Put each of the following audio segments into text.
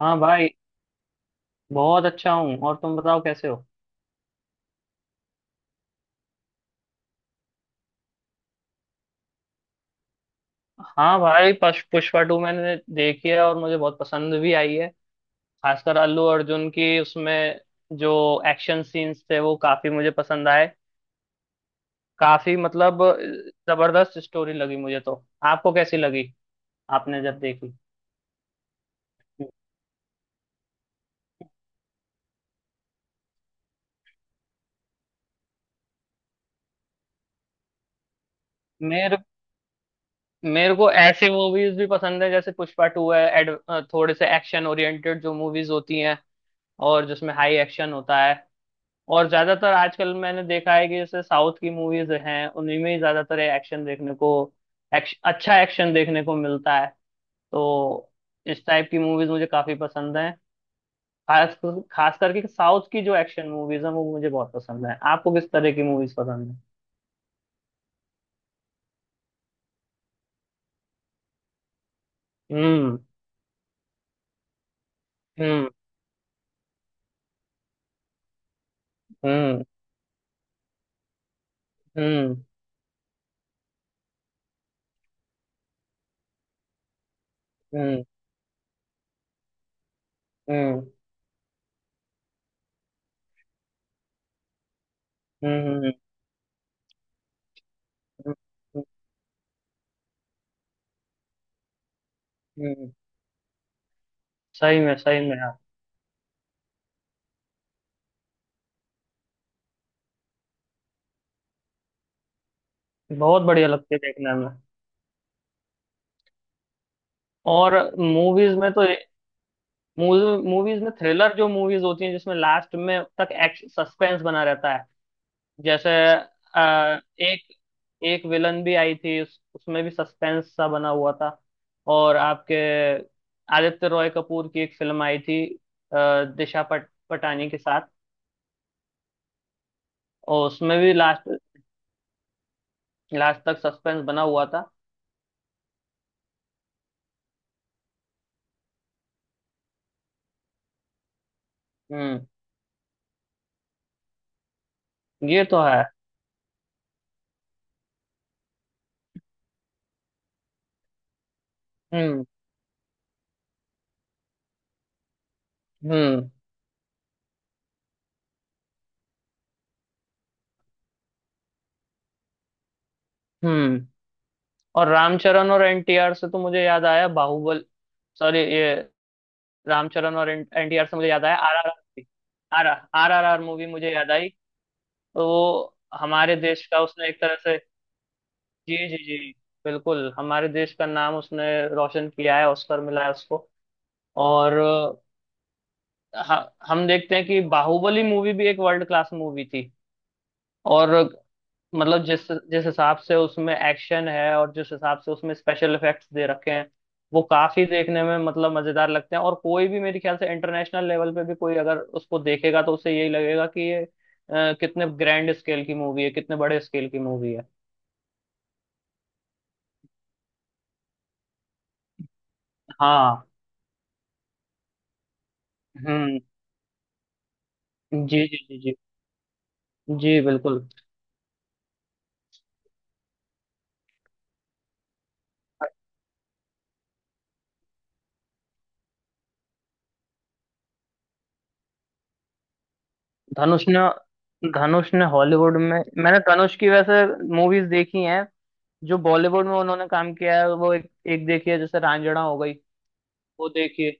हाँ भाई। बहुत अच्छा हूँ और तुम बताओ कैसे हो। हाँ भाई पुष्पा टू मैंने देखी है और मुझे बहुत पसंद भी आई है। खासकर अल्लू अर्जुन की उसमें जो एक्शन सीन्स थे वो काफी मुझे पसंद आए। काफी मतलब जबरदस्त स्टोरी लगी मुझे तो। आपको कैसी लगी आपने जब देखी। मेरे मेरे को ऐसी मूवीज भी पसंद है जैसे पुष्पा टू है थोड़े से एक्शन ओरिएंटेड जो मूवीज होती हैं और जिसमें हाई एक्शन होता है। और ज्यादातर आजकल मैंने देखा है कि जैसे साउथ की मूवीज हैं उन्हीं में ही ज्यादातर एक्शन देखने को अच्छा एक्शन देखने को मिलता है। तो इस टाइप की मूवीज मुझे काफी पसंद है। खास खास करके साउथ की जो एक्शन मूवीज हैं वो मुझे बहुत पसंद है। आपको किस तरह की मूवीज पसंद है। हम्म। हम्म। हम्म। हम्म। हम्म। हम्म। हम्म। हम्म। हम्म। हम्म। सही में यार। बहुत बढ़िया लगती है देखने में और मूवीज में तो। मूवीज में थ्रिलर जो मूवीज होती हैं जिसमें लास्ट में तक एक्शन सस्पेंस बना रहता है जैसे एक एक विलन भी आई थी उसमें भी सस्पेंस सा बना हुआ था। और आपके आदित्य रॉय कपूर की एक फिल्म आई थी अ, पटानी के साथ और उसमें भी लास्ट लास्ट तक सस्पेंस बना हुआ था। हम्म। ये तो है। हम्म। हम्म। हम्म। और रामचरण और एनटीआर से तो मुझे याद आया बाहुबल सॉरी ये रामचरण और एनटीआर से मुझे याद आया RRR. R R R R R movie मुझे याद आई। तो वो हमारे देश का उसने एक तरह से। जी जी जी बिल्कुल हमारे देश का नाम उसने रोशन किया है। ऑस्कर मिला है उसको। और हम देखते हैं कि बाहुबली मूवी भी एक वर्ल्ड क्लास मूवी थी। और मतलब जिस जिस हिसाब से उसमें एक्शन है और जिस हिसाब से उसमें स्पेशल इफेक्ट्स दे रखे हैं वो काफी देखने में मतलब मजेदार लगते हैं। और कोई भी मेरे ख्याल से इंटरनेशनल लेवल पे भी कोई अगर उसको देखेगा तो उसे यही लगेगा कि ये कितने ग्रैंड स्केल की मूवी है कितने बड़े स्केल की मूवी है। हाँ। हम्म। जी जी जी जी जी बिल्कुल। धनुष ने धनुष ने हॉलीवुड में मैंने धनुष की वैसे मूवीज देखी हैं। जो बॉलीवुड में उन्होंने काम किया है वो एक एक देखी है। जैसे रांझणा हो गई वो देखी है।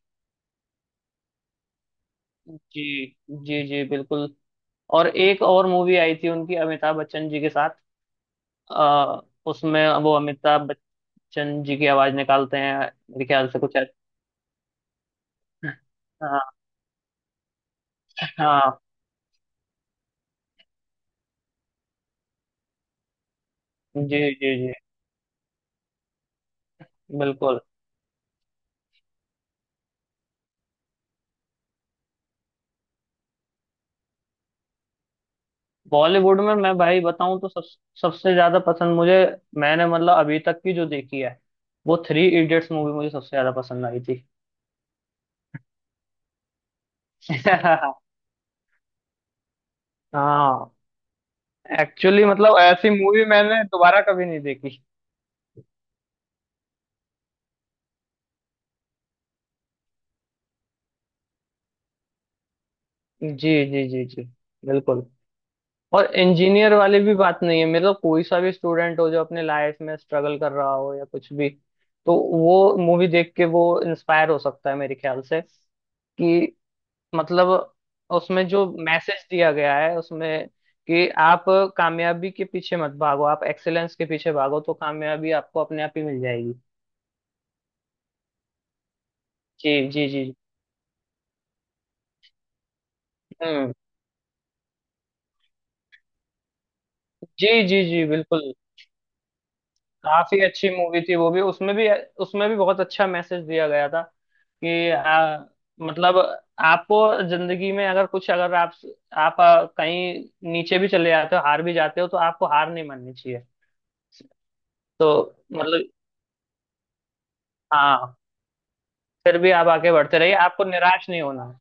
जी जी जी बिल्कुल। और एक और मूवी आई थी उनकी अमिताभ बच्चन जी के साथ। आ, उसमें वो अमिताभ बच्चन जी की आवाज निकालते हैं मेरे ख्याल से कुछ हाँ हाँ। जी जी जी बिल्कुल। बॉलीवुड में मैं भाई बताऊं तो सब सबसे ज्यादा पसंद मुझे। मैंने मतलब अभी तक की जो देखी है वो थ्री इडियट्स मूवी मुझे सबसे ज्यादा पसंद आई थी। हाँ। एक्चुअली मतलब ऐसी मूवी मैंने दोबारा कभी नहीं देखी। जी जी जी जी बिल्कुल। और इंजीनियर वाले भी बात नहीं है मतलब कोई सा भी स्टूडेंट हो जो अपने लाइफ में स्ट्रगल कर रहा हो या कुछ भी तो वो मूवी देख के वो इंस्पायर हो सकता है मेरे ख्याल से कि मतलब उसमें जो मैसेज दिया गया है उसमें कि आप कामयाबी के पीछे मत भागो आप एक्सेलेंस के पीछे भागो तो कामयाबी आपको अपने आप ही मिल जाएगी। जी जी जी। हम्म। जी जी जी बिल्कुल। काफी अच्छी मूवी थी वो भी। उसमें भी बहुत अच्छा मैसेज दिया गया था कि मतलब आपको जिंदगी में अगर कुछ अगर आप कहीं नीचे भी चले जाते हो हार भी जाते हो तो आपको हार नहीं माननी चाहिए तो मतलब हाँ फिर भी आप आगे बढ़ते रहिए आपको निराश नहीं होना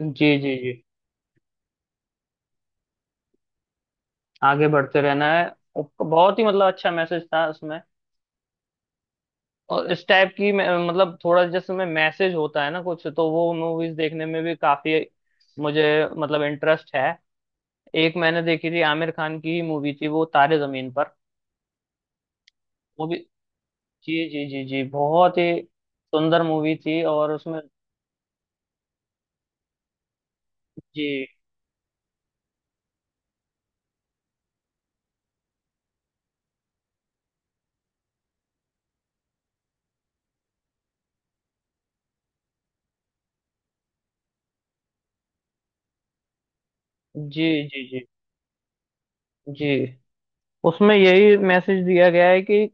है। जी जी जी। आगे बढ़ते रहना है। बहुत ही मतलब अच्छा मैसेज था उसमें। और इस टाइप की मतलब थोड़ा जैसे में मैसेज होता है ना कुछ तो वो मूवीज देखने में भी काफी मुझे मतलब इंटरेस्ट है। एक मैंने देखी थी आमिर खान की मूवी थी वो तारे जमीन पर मूवी। जी जी जी जी बहुत ही सुंदर मूवी थी। और उसमें जी जी जी जी जी उसमें यही मैसेज दिया गया है कि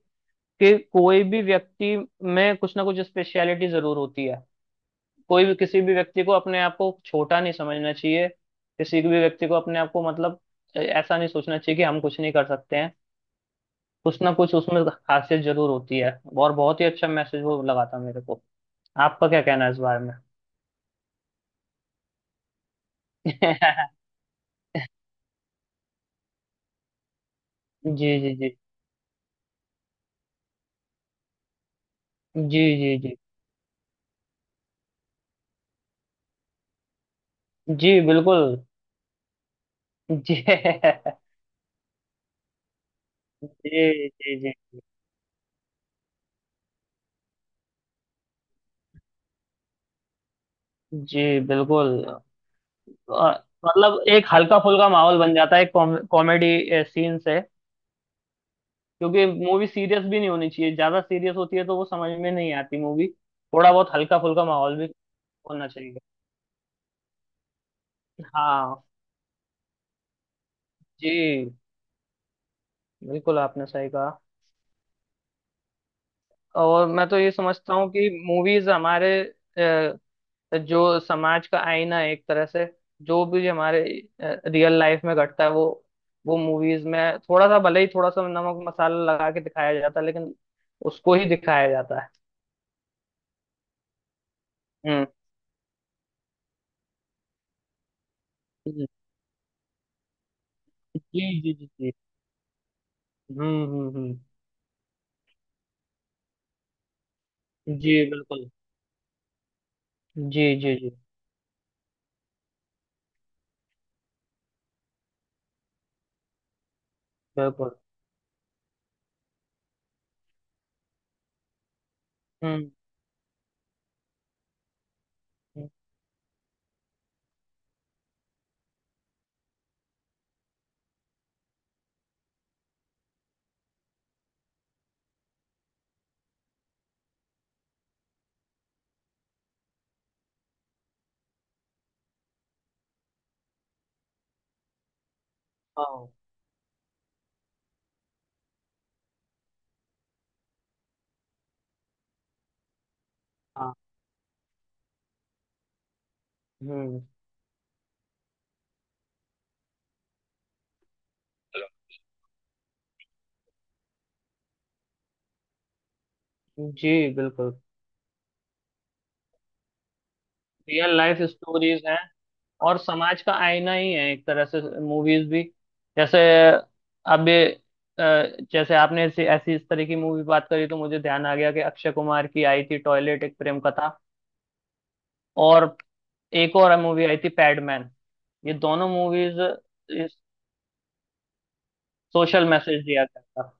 कोई भी व्यक्ति में कुछ ना कुछ स्पेशलिटी जरूर होती है। कोई भी किसी भी व्यक्ति को अपने आप को छोटा नहीं समझना चाहिए। किसी भी व्यक्ति को अपने आप को मतलब ऐसा नहीं सोचना चाहिए कि हम कुछ नहीं कर सकते हैं। कुछ ना कुछ उसमें खासियत जरूर होती है। और बहुत ही अच्छा मैसेज वो लगा था मेरे को। आपका क्या कहना है इस बारे में। जी जी जी जी जी जी जी बिल्कुल। जी जी जी जी जी बिल्कुल। आ, मतलब एक हल्का फुल्का माहौल बन जाता है कॉमेडी सीन से। क्योंकि मूवी सीरियस भी नहीं होनी चाहिए। ज्यादा सीरियस होती है तो वो समझ में नहीं आती मूवी। थोड़ा बहुत हल्का फुल्का माहौल भी होना चाहिए। हाँ। जी बिल्कुल आपने सही कहा। और मैं तो ये समझता हूँ कि मूवीज हमारे तो जो समाज का आईना है एक तरह से। जो भी हमारे रियल लाइफ में घटता है वो मूवीज में थोड़ा सा भले ही थोड़ा सा नमक मसाला लगा के दिखाया जाता है लेकिन उसको ही दिखाया जाता है। हम्म। हम्म। जी जी जी जी। हम्म। हम्म। हम्म। जी बिल्कुल। जी जी जी बिल्कुल। हम्म। हम्म। हाँ हाँ। हम्म। जी बिल्कुल। रियल लाइफ स्टोरीज हैं और समाज का आईना ही है एक तरह से मूवीज भी। जैसे अब ये, अ, जैसे आपने ऐसी ऐसी इस तरह की मूवी बात करी तो मुझे ध्यान आ गया कि अक्षय कुमार की आई थी टॉयलेट एक प्रेम कथा। और एक और मूवी आई थी पैडमैन। ये दोनों मूवीज सोशल मैसेज दिया करता।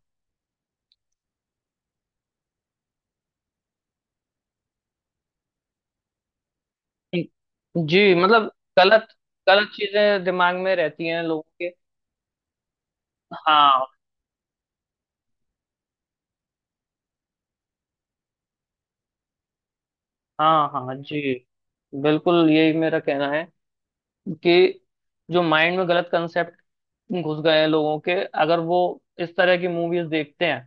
जी मतलब गलत गलत चीजें दिमाग में रहती हैं लोगों के। हाँ हाँ। हाँ जी बिल्कुल यही मेरा कहना है कि जो माइंड में गलत कंसेप्ट घुस गए हैं लोगों के अगर वो इस तरह की मूवीज देखते हैं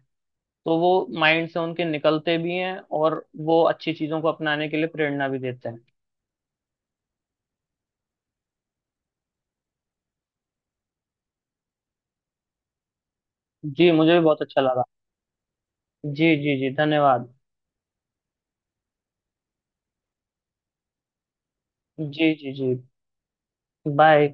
तो वो माइंड से उनके निकलते भी हैं और वो अच्छी चीजों को अपनाने के लिए प्रेरणा भी देते हैं। जी मुझे भी बहुत अच्छा लगा। जी जी जी धन्यवाद। जी जी जी बाय।